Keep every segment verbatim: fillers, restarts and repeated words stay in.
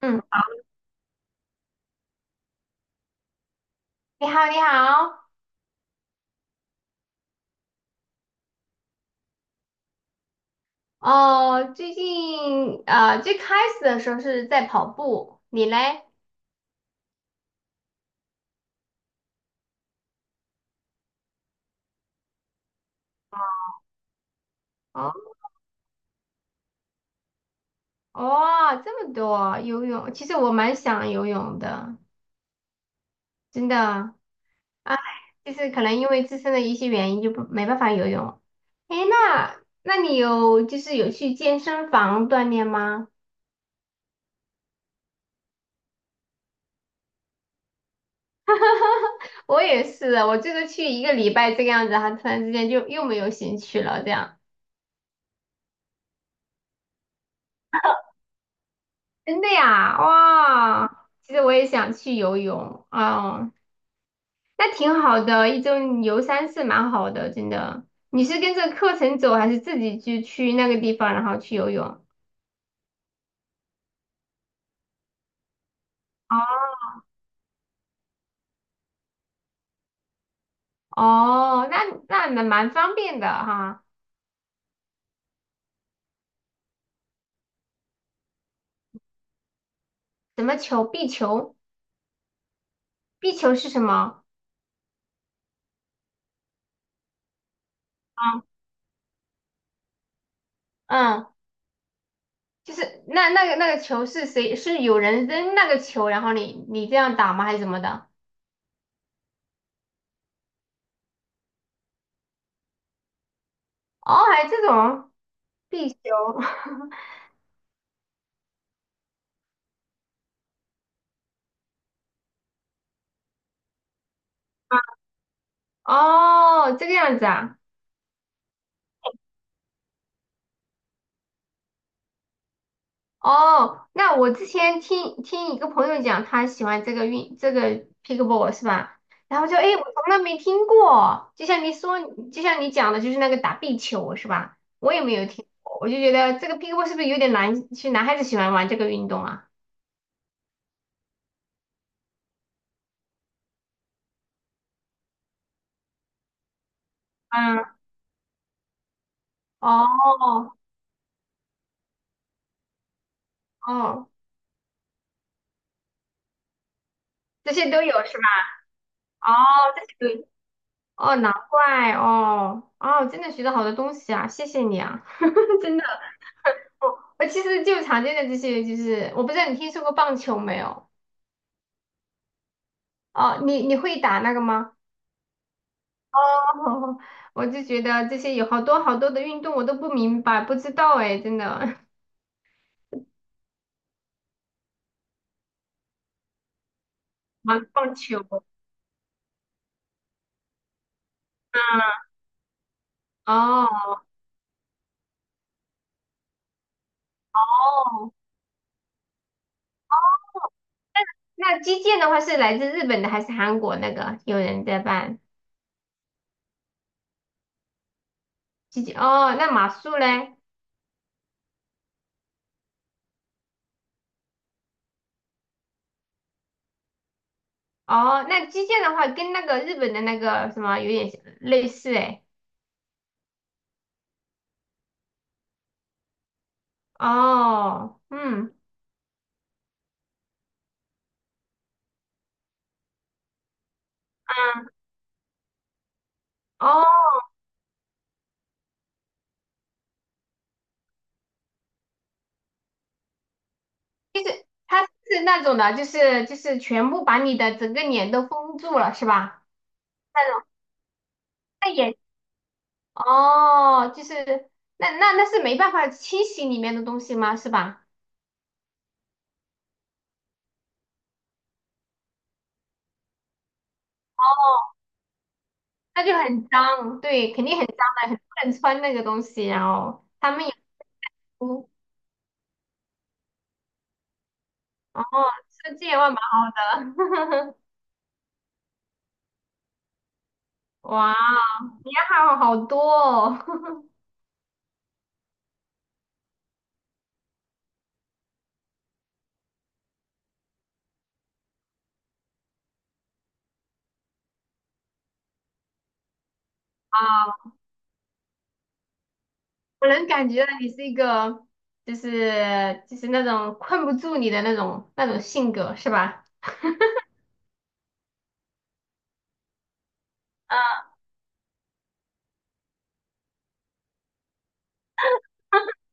嗯，你好，你好。哦，最近呃，最开始的时候是在跑步，你嘞？哦，哦，这么多游泳，其实我蛮想游泳的，真的。哎，就是可能因为自身的一些原因，就不没办法游泳。哎，那那你有就是有去健身房锻炼吗？我也是，我这个去一个礼拜这个样子，还突然之间就又没有兴趣了，这样。真的呀，哇！其实我也想去游泳哦，那挺好的，一周你游三次蛮好的，真的。你是跟着课程走，还是自己就去那个地方，然后去游泳？哦，哦那那蛮蛮方便的哈。什么球？壁球？壁球是什么？啊，嗯，就是那那个那个球是谁？是有人扔那个球，然后你你这样打吗？还是什么的？哦，还有这种壁球？哦，这个样子啊。哦，那我之前听听一个朋友讲，他喜欢这个运这个 pickleball 是吧？然后就诶，我从来没听过，就像你说，就像你讲的，就是那个打壁球是吧？我也没有听过，我就觉得这个 pickleball 是不是有点难？是男孩子喜欢玩这个运动啊？嗯，哦哦，这些都有是吧？哦，这些都有，哦，难怪哦哦，真的学到好多东西啊，谢谢你啊，真的。我其实就常见的这些，就是我不知道你听说过棒球没有？哦，你你会打那个吗？哦，我就觉得这些有好多好多的运动我都不明白，不知道哎，真的。玩棒球。哦哦，那击剑的话是来自日本的还是韩国那个？有人在办击剑哦，那马术嘞？哦，那击剑的话跟那个日本的那个什么有点类似哎。哦，嗯。哦，就是它是那种的，就是就是全部把你的整个脸都封住了，是吧？那种，那也。哦，就是那那那是没办法清洗里面的东西吗？是吧？那就很脏，对，肯定很脏的，很多人穿那个东西，然后他们也不，哦，设计也蛮好的，哇，你还好好多哦，啊，我能感觉到你是一个，就是就是那种困不住你的那种那种性格，是吧？啊，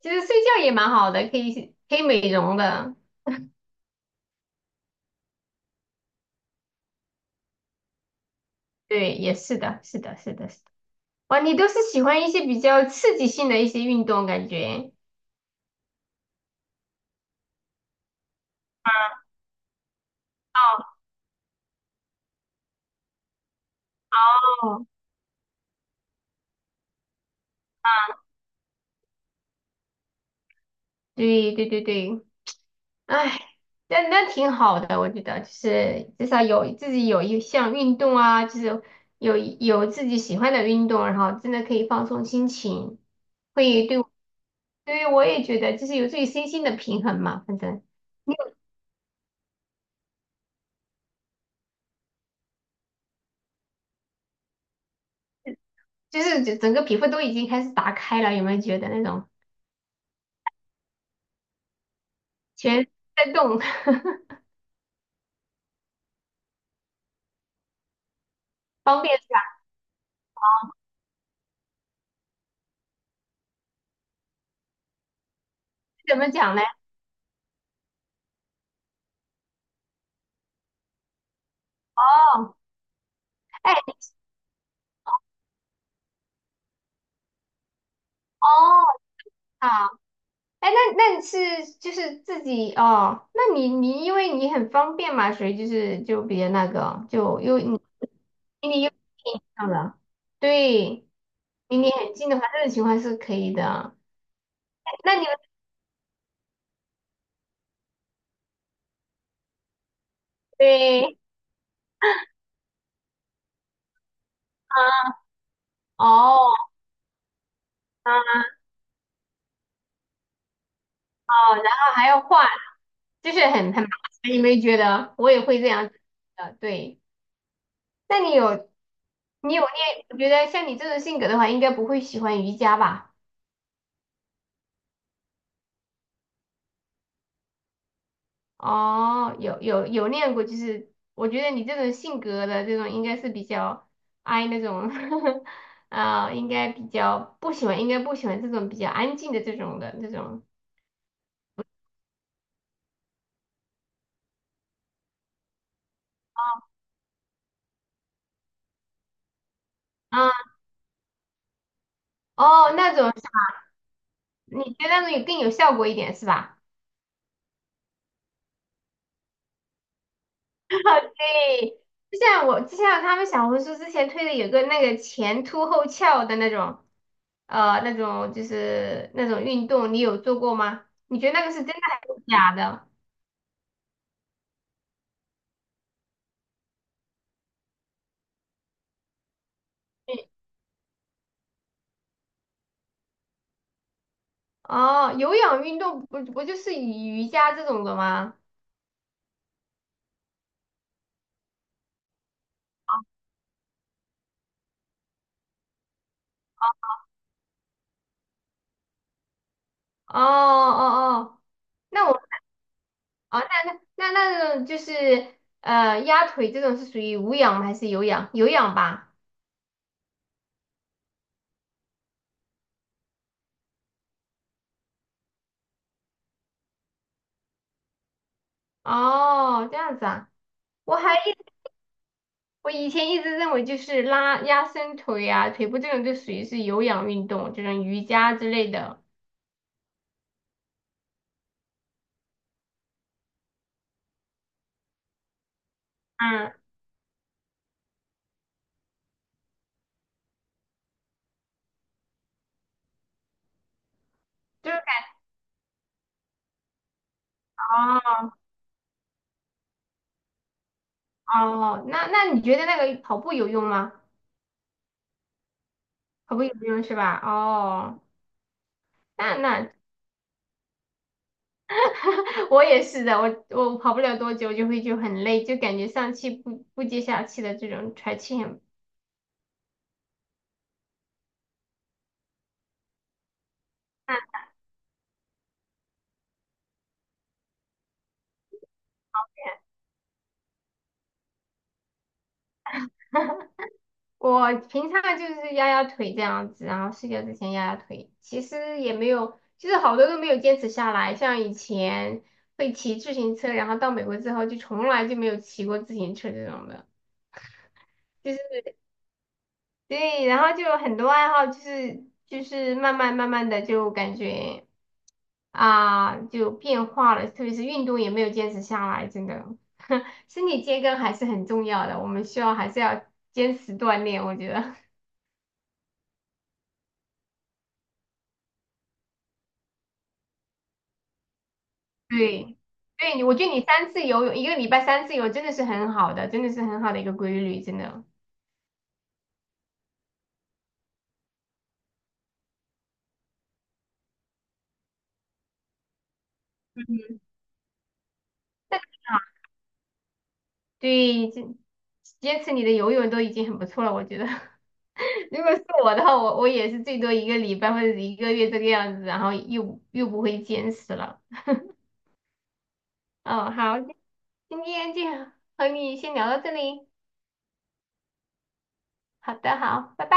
其实睡觉也蛮好的，可以可以美容的。对，也是的，是的，是的，是的。哇，你都是喜欢一些比较刺激性的一些运动，感觉。哦，对对对对，哎，那那挺好的，我觉得就是至少有自己有一项运动啊，就是有有自己喜欢的运动，然后真的可以放松心情，会对对我也觉得就是有助于身心的平衡嘛，反正。就是整整个皮肤都已经开始打开了，有没有觉得那种全身在动？方便怎么讲呢？哦，哎，哦，好，哎，那那你是就是自己哦，那你你因为你很方便嘛，所以就是就比较那个，就又你离你又近上了，对，离你很近的话，这种情况是可以的。那你们对啊，哦，啊，然后还要换，就是很很麻烦，你没觉得？我也会这样子的，对。那你有你有练？我觉得像你这种性格的话，应该不会喜欢瑜伽吧？哦，有有有练过，就是我觉得你这种性格的这种应该是比较 I 那种，啊、应该比较不喜欢，应该不喜欢这种比较安静的这种的这种。啊，哦，那种你觉得那种有更有效果一点是吧？对，就像我就像他们小红书之前推的有个那个前凸后翘的那种，呃那种就是那种运动，你有做过吗？你觉得那个是真的还是假的？嗯哦，有氧运动不不就是瑜伽这种的吗？哦哦哦，那我啊那那那种就是呃压腿这种是属于无氧还是有氧？有氧吧？哦，这样子啊，我还一我以前一直认为就是拉压伸腿啊、腿部这种就属于是有氧运动，这种瑜伽之类的。嗯，就是。哦。哦，那那你觉得那个跑步有用吗？跑步有用是吧？哦，那那 我也是的，我我跑不了多久就会就很累，就感觉上气不不接下气的这种喘气很。我平常就是压压腿这样子，然后睡觉之前压压腿，其实也没有，就是好多都没有坚持下来。像以前会骑自行车，然后到美国之后就从来就没有骑过自行车这种的。就对，然后就有很多爱好就是就是慢慢慢慢的就感觉啊就变化了，特别是运动也没有坚持下来，真的，身体健康还是很重要的，我们需要还是要坚持锻炼，我觉得。对，对，我觉得你三次游泳，一个礼拜三次游真的是很好的，真的是很好的一个规律，真的。对，坚坚持你的游泳都已经很不错了，我觉得。如果是我的话，我我也是最多一个礼拜或者一个月这个样子，然后又又不会坚持了。嗯，好，今天就和你先聊到这里。好的，好，拜拜。